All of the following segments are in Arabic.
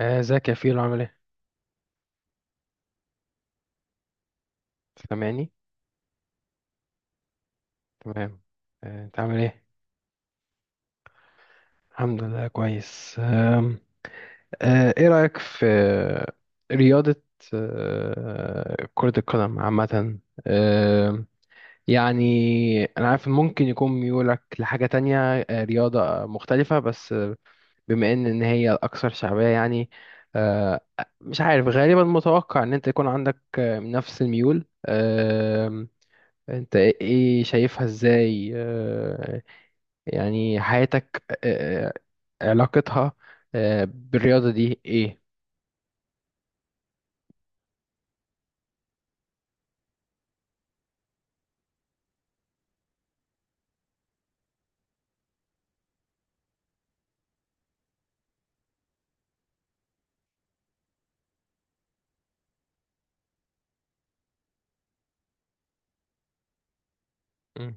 ازيك يا فيلو، عامل ايه؟ سامعني؟ تمام. انت عامل ايه؟ الحمد لله كويس. آم، آه، ايه رأيك في رياضة كرة القدم عامة؟ آم، يعني انا عارف إن ممكن يكون ميولك لحاجة تانية، رياضة مختلفة، بس بما ان إن هي الاكثر شعبية يعني. آه، مش عارف، غالبا متوقع ان انت يكون عندك نفس الميول. انت ايه شايفها ازاي؟ يعني حياتك، علاقتها بالرياضة دي ايه؟ مم.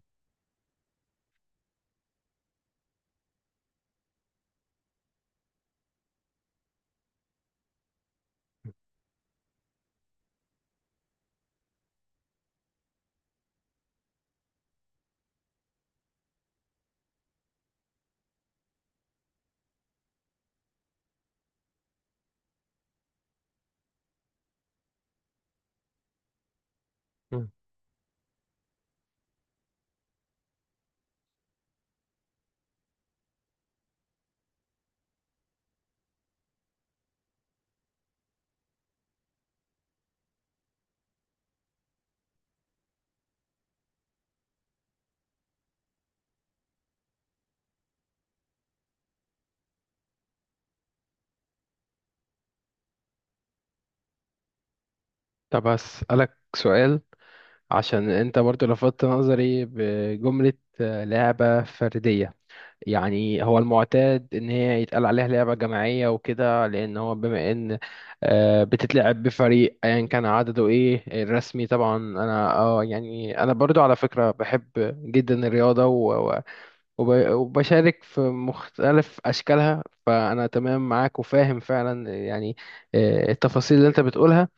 مم. طب هسألك سؤال، عشان انت برضو لفتت نظري بجملة لعبة فردية. يعني هو المعتاد ان هي يتقال عليها لعبة جماعية وكده، لان هو بما ان بتتلعب بفريق ايا كان عدده ايه الرسمي. طبعا انا اه يعني انا برضو على فكرة بحب جدا الرياضة وبشارك في مختلف أشكالها، فأنا تمام معاك وفاهم فعلا يعني التفاصيل اللي أنت بتقولها.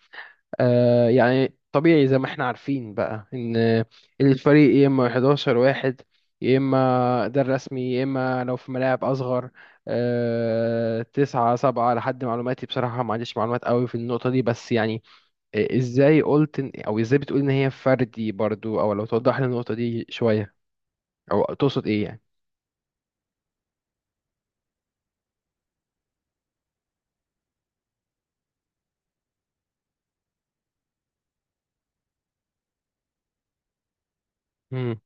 يعني طبيعي زي ما احنا عارفين بقى إن الفريق يا إما 11 واحد، يا إما ده الرسمي، يا إما لو في ملاعب أصغر 9 7. لحد معلوماتي بصراحة ما عنديش معلومات قوي في النقطة دي، بس يعني أو إزاي بتقول إن هي فردي برضو؟ أو لو توضح لي النقطة دي شوية، أو تقصد إيه يعني؟ مم.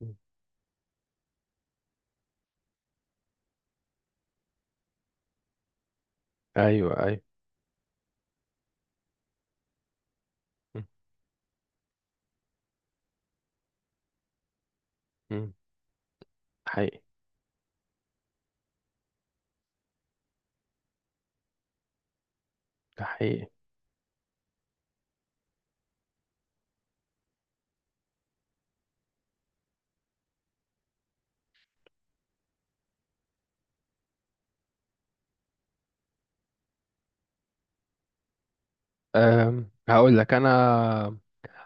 مم. ايوه ايوه. م- م. حقيقي. ده حقيقي. أم هقول لك انا.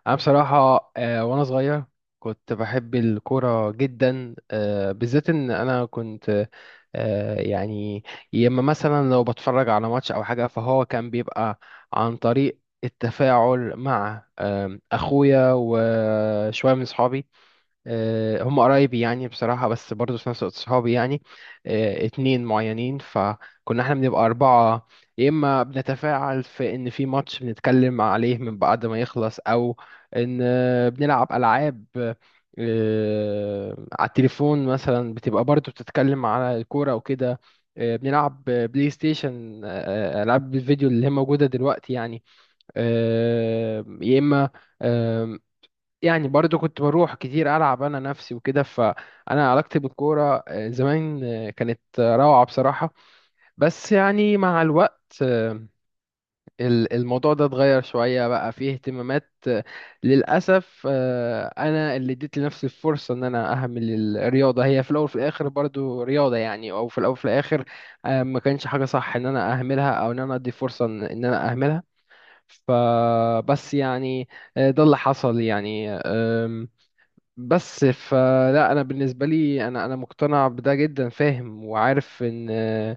انا بصراحه أه وانا صغير كنت بحب الكوره جدا. أه بالذات ان انا كنت أه يعني يا اما مثلا لو بتفرج على ماتش او حاجه، فهو كان بيبقى عن طريق التفاعل مع اخويا وشويه من صحابي. هم قرايبي يعني بصراحة، بس برضه في نفس الوقت صحابي يعني. اتنين معينين، فكنا احنا بنبقى 4. يا إما بنتفاعل في إن في ماتش بنتكلم عليه من بعد ما يخلص، أو إن بنلعب ألعاب على التليفون مثلا، بتبقى برضه بتتكلم على الكورة وكده. بنلعب بلاي ستيشن، ألعاب الفيديو اللي هي موجودة دلوقتي يعني. يا إما يعني برضو كنت بروح كتير ألعب أنا نفسي وكده. فأنا علاقتي بالكورة زمان كانت روعة بصراحة. بس يعني مع الوقت الموضوع ده اتغير شوية، بقى فيه اهتمامات للأسف. أنا اللي اديت لنفسي الفرصة إن أنا أهمل الرياضة، هي في الأول وفي الآخر برضو رياضة يعني، أو في الأول وفي الآخر ما كانش حاجة صح إن أنا أهملها أو إن أنا أدي فرصة إن أنا أهملها. فبس يعني ده اللي حصل يعني. بس فلا، انا بالنسبه لي انا مقتنع بده جدا، فاهم وعارف ان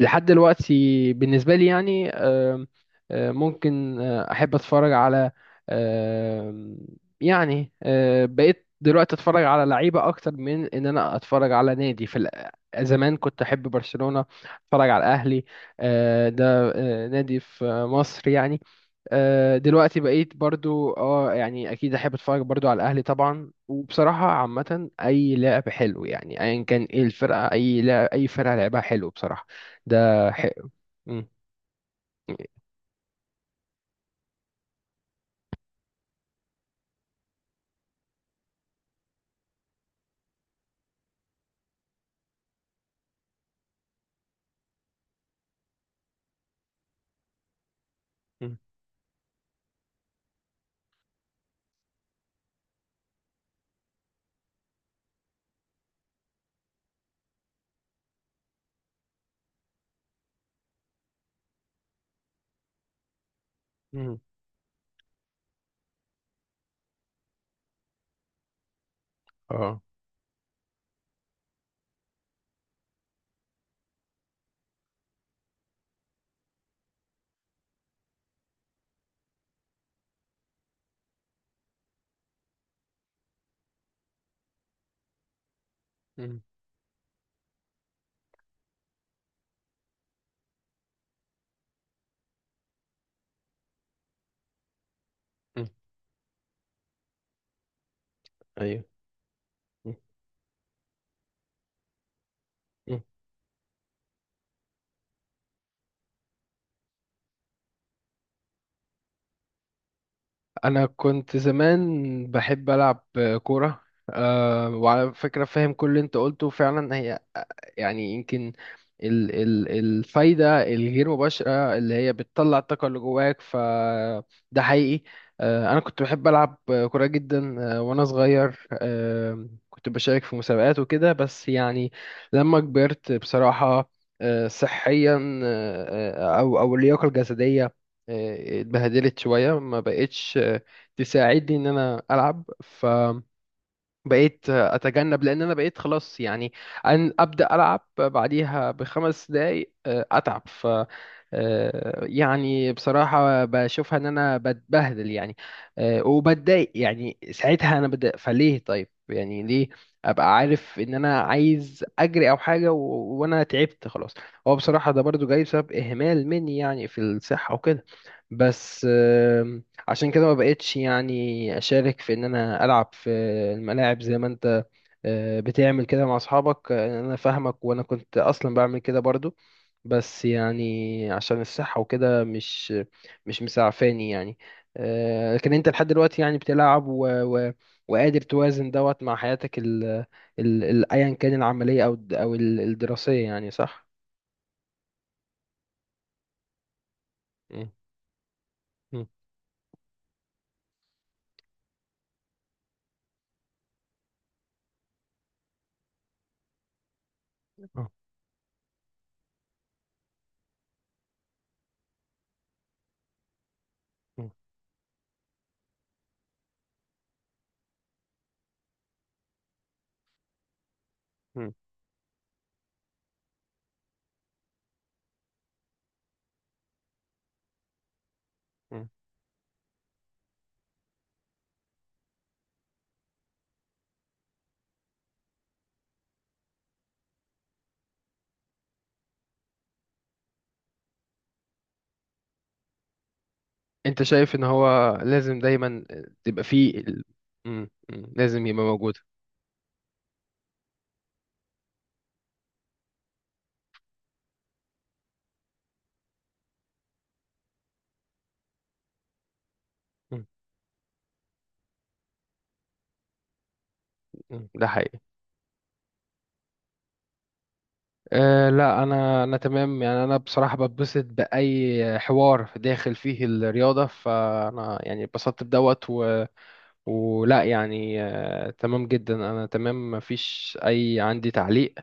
لحد دلوقتي بالنسبه لي يعني ممكن احب اتفرج على آه، يعني بقيت دلوقتي اتفرج على لعيبه اكتر من ان انا اتفرج على نادي في زمان. كنت احب برشلونه، اتفرج على الاهلي، ده نادي في مصر يعني. دلوقتي بقيت برضو اه يعني اكيد احب اتفرج برضو على الاهلي طبعا. وبصراحه عامه، اي لعب حلو يعني ايا كان ايه الفرقه، اي لعب اي فرقه لعبها حلو بصراحه ده حلو. مم. مم. مم. اه. مم. مم. ايوه. مم. مم. انا كنت زمان بحب العب كوره. آه وعلى فكره فاهم كل اللي انت قلته فعلا. هي يعني يمكن ال الفايدة الغير مباشرة اللي هي بتطلع الطاقة اللي جواك، فده حقيقي. أنا كنت بحب ألعب كورة جدا. وأنا صغير كنت بشارك في مسابقات وكده. بس يعني لما كبرت بصراحة صحيا، أو اللياقة الجسدية اتبهدلت شوية، ما بقتش تساعدني إن أنا ألعب. بقيت اتجنب لان انا بقيت خلاص يعني ان ابدا العب بعديها ب5 دقايق اتعب. ف يعني بصراحه بشوفها ان انا بتبهدل يعني. وبتضايق يعني، ساعتها انا بتضايق. فليه؟ طيب يعني ليه ابقى عارف ان انا عايز اجري او حاجه وانا تعبت خلاص؟ هو بصراحه ده برضو جاي بسبب اهمال مني يعني في الصحه وكده، بس عشان كده ما بقتش يعني اشارك في ان انا العب في الملاعب زي ما انت بتعمل كده مع اصحابك. انا فاهمك وانا كنت اصلا بعمل كده برضو، بس يعني عشان الصحة وكده مش مسعفاني يعني. لكن انت لحد دلوقتي يعني بتلعب، و... وقادر توازن دوت مع حياتك ايا كان العملية او الدراسية يعني، صح؟ مم. مم. مم. مم. مم. انت شايف ان هو لازم دايما تبقى فيه لازم يبقى موجود. مم، مم، ده حقيقي. أه لا، انا انا تمام يعني. انا بصراحة بتبسط باي حوار داخل فيه الرياضة، فانا يعني اتبسطت بدوت ولا يعني أه تمام جدا. انا تمام، مفيش اي عندي تعليق.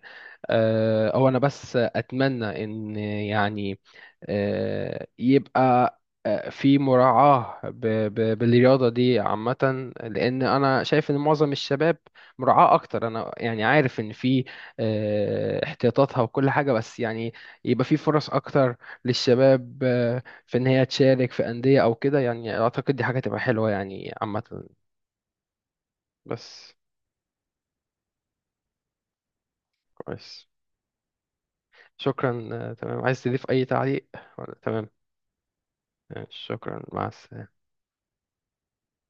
هو انا بس اتمنى ان يعني يبقى في مراعاة بالرياضة دي عامة، لأن أنا شايف إن معظم الشباب مراعاة أكتر. أنا يعني عارف إن في احتياطاتها وكل حاجة، بس يعني يبقى في فرص أكتر للشباب في إن هي تشارك في أندية أو كده، يعني أعتقد دي حاجة تبقى حلوة يعني عامة بس. كويس. شكرا. تمام، عايز تضيف أي تعليق ولا تمام؟ شكرا، مع السلامة.